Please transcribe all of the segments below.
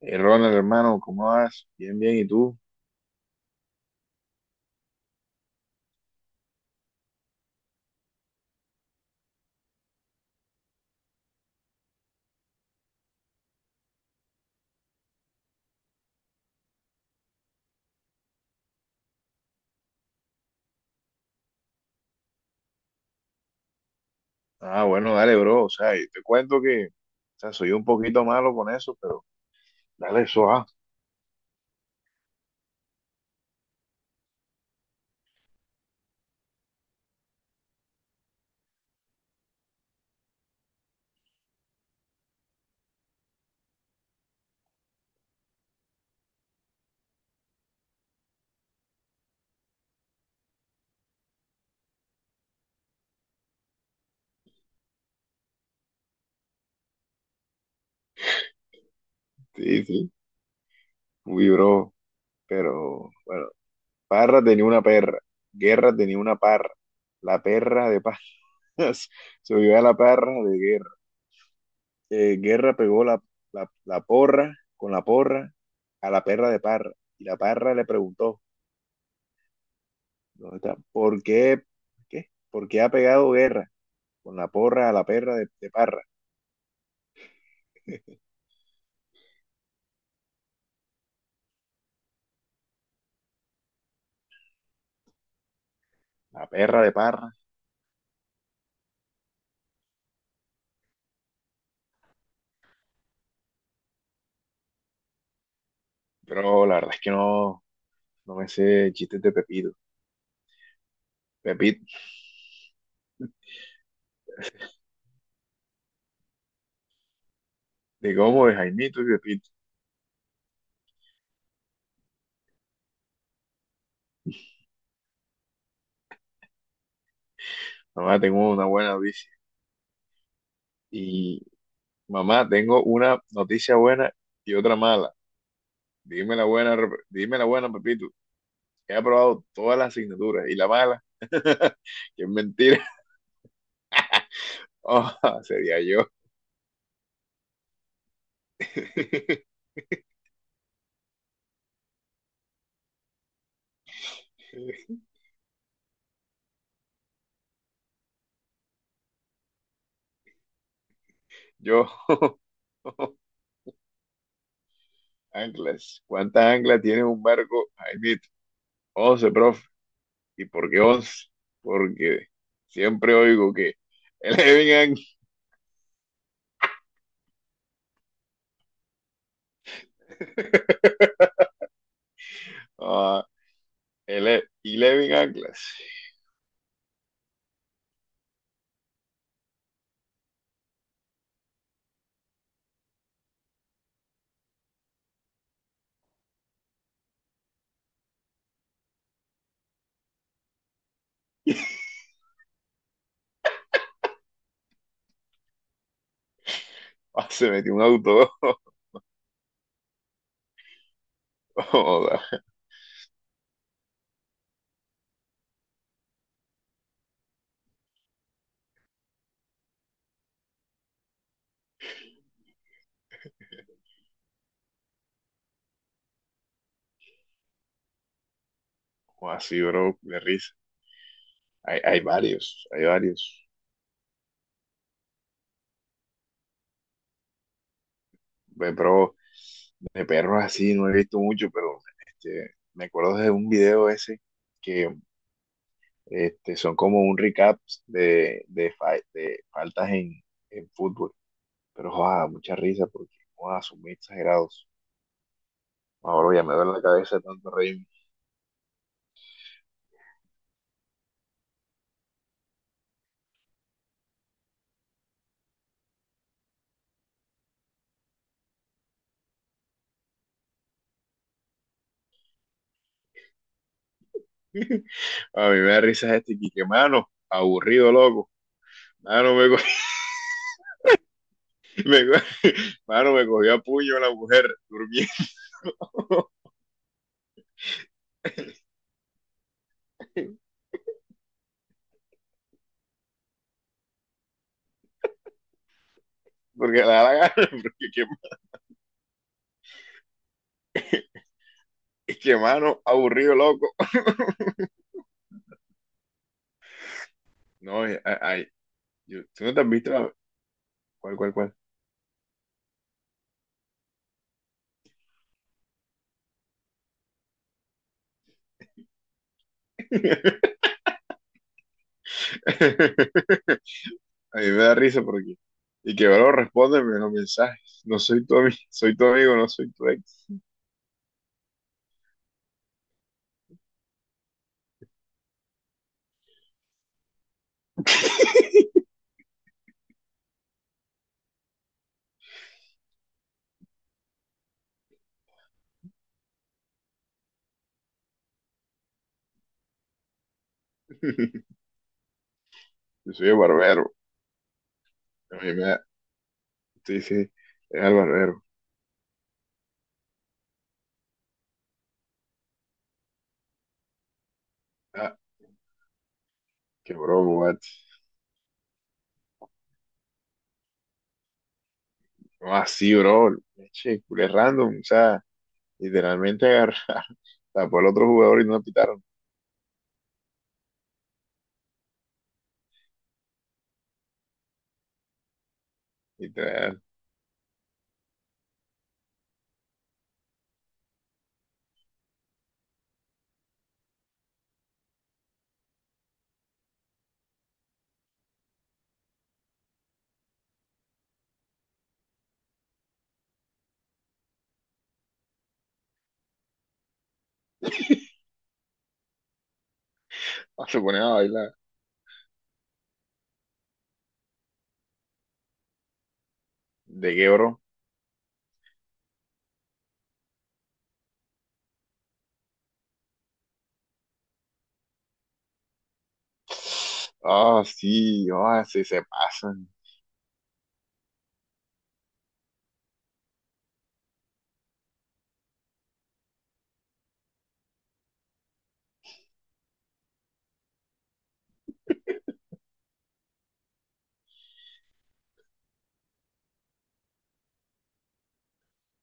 Ronald, hermano, ¿cómo vas? Bien, bien, ¿y tú? Ah, bueno, dale, bro. O sea, y te cuento que, o sea, soy un poquito malo con eso, pero dale eso, ah. Sí, sí. Uy, bro. Pero, bueno, Parra tenía una perra. Guerra tenía una parra. La perra de paz. Se vio a la perra de guerra. Guerra pegó la porra con la porra a la perra de parra. Y la parra le preguntó, ¿dónde está? ¿Por qué? ¿Qué? ¿Por qué ha pegado guerra con la porra, la perra de Parra, la perra de Parra? Pero la verdad es que no, no me sé chistes de Pepito, de cómo de Jaimito y Pepito. Mamá, tengo una buena noticia. Y mamá, tengo una noticia buena y otra mala. Dime la buena, dime la buena, Pepito, que he aprobado todas las asignaturas. Y la mala, que es mentira. Oh, sería yo. Yo. Anclas. ¿Cuántas anclas tiene un barco, Jaimito? Once, profe. ¿Y porque once? Porque siempre oigo que Eleven, uh, Eleven Anclas. Ah, se metió un auto. O sea, así, bro, de risa. Hay varios, hay varios. Pero de perros así no he visto mucho, pero me acuerdo de un video ese que son como un recap de, de faltas en fútbol. Pero, joda, mucha risa porque, joda, son muy exagerados. Ahora ya me duele la cabeza de tanto reírme. A mí me da risa este Quique, mano, aburrido, loco. Mano, me cogió, me cogió- mano, me cogió a puño la mujer durmiendo. Porque le da la gana, porque qué, que, mano, aburrido, loco. No, ay, ay, yo, tú no te has visto la- cuál, cuál, cuál. A mí me da risa porque. Y que bueno, respóndeme los mensajes. No soy tu amigo, soy tu amigo, no soy tu ex. Yo soy el barbero. A mí me da, sí, sí, es el barbero. Ah, qué bro, what? No, así, bro. Che, culé random. O sea, literalmente agarrar, tapó al otro jugador y no lo pitaron. Literal. Ah, se ponen a bailar. ¿De qué, bro? Ah, sí, ah, sí, se pasan.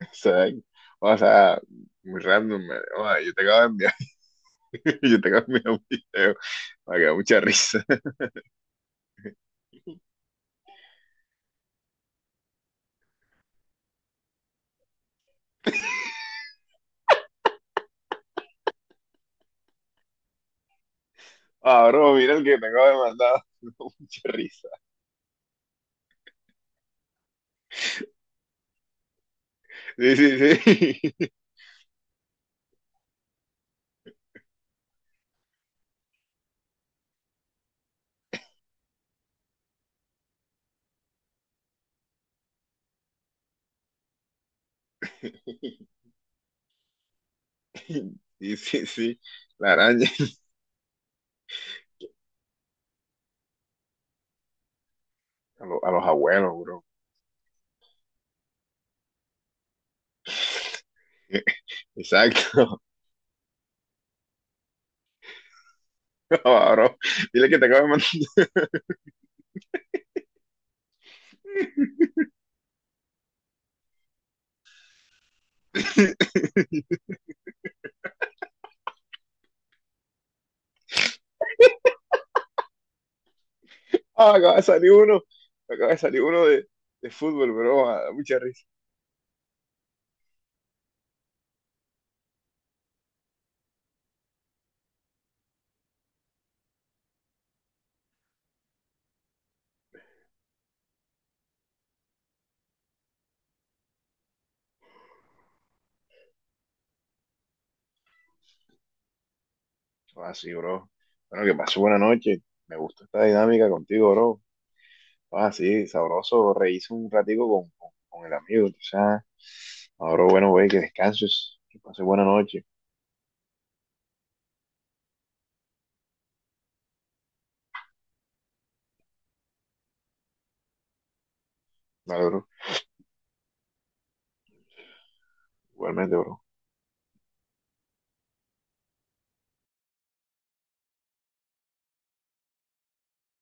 O sea, o sea, muy random, man. Ah, yo te acabo de enviar, yo te acabo de enviar un video. Me quedó mucha risa. Ah, bro, mira el que te acabo de mandar. Me dio mucha risa. Sí, sí, sí. Sí, sí, sí. La araña. A los abuelos, bro. Exacto. No, bro. Dile que te acaba de mandar. Ah, acaba de salir uno. Acaba de salir uno de fútbol, bro. Ah, da mucha risa. Ah, sí, bro. Bueno, que pasó buena noche. Me gustó esta dinámica contigo, bro. Ah, sí, sabroso. Reíse un ratico con el amigo. O sea, ahora, bueno, güey, que descanses. Que pases buena noche. Vale, bro. Igualmente, bro.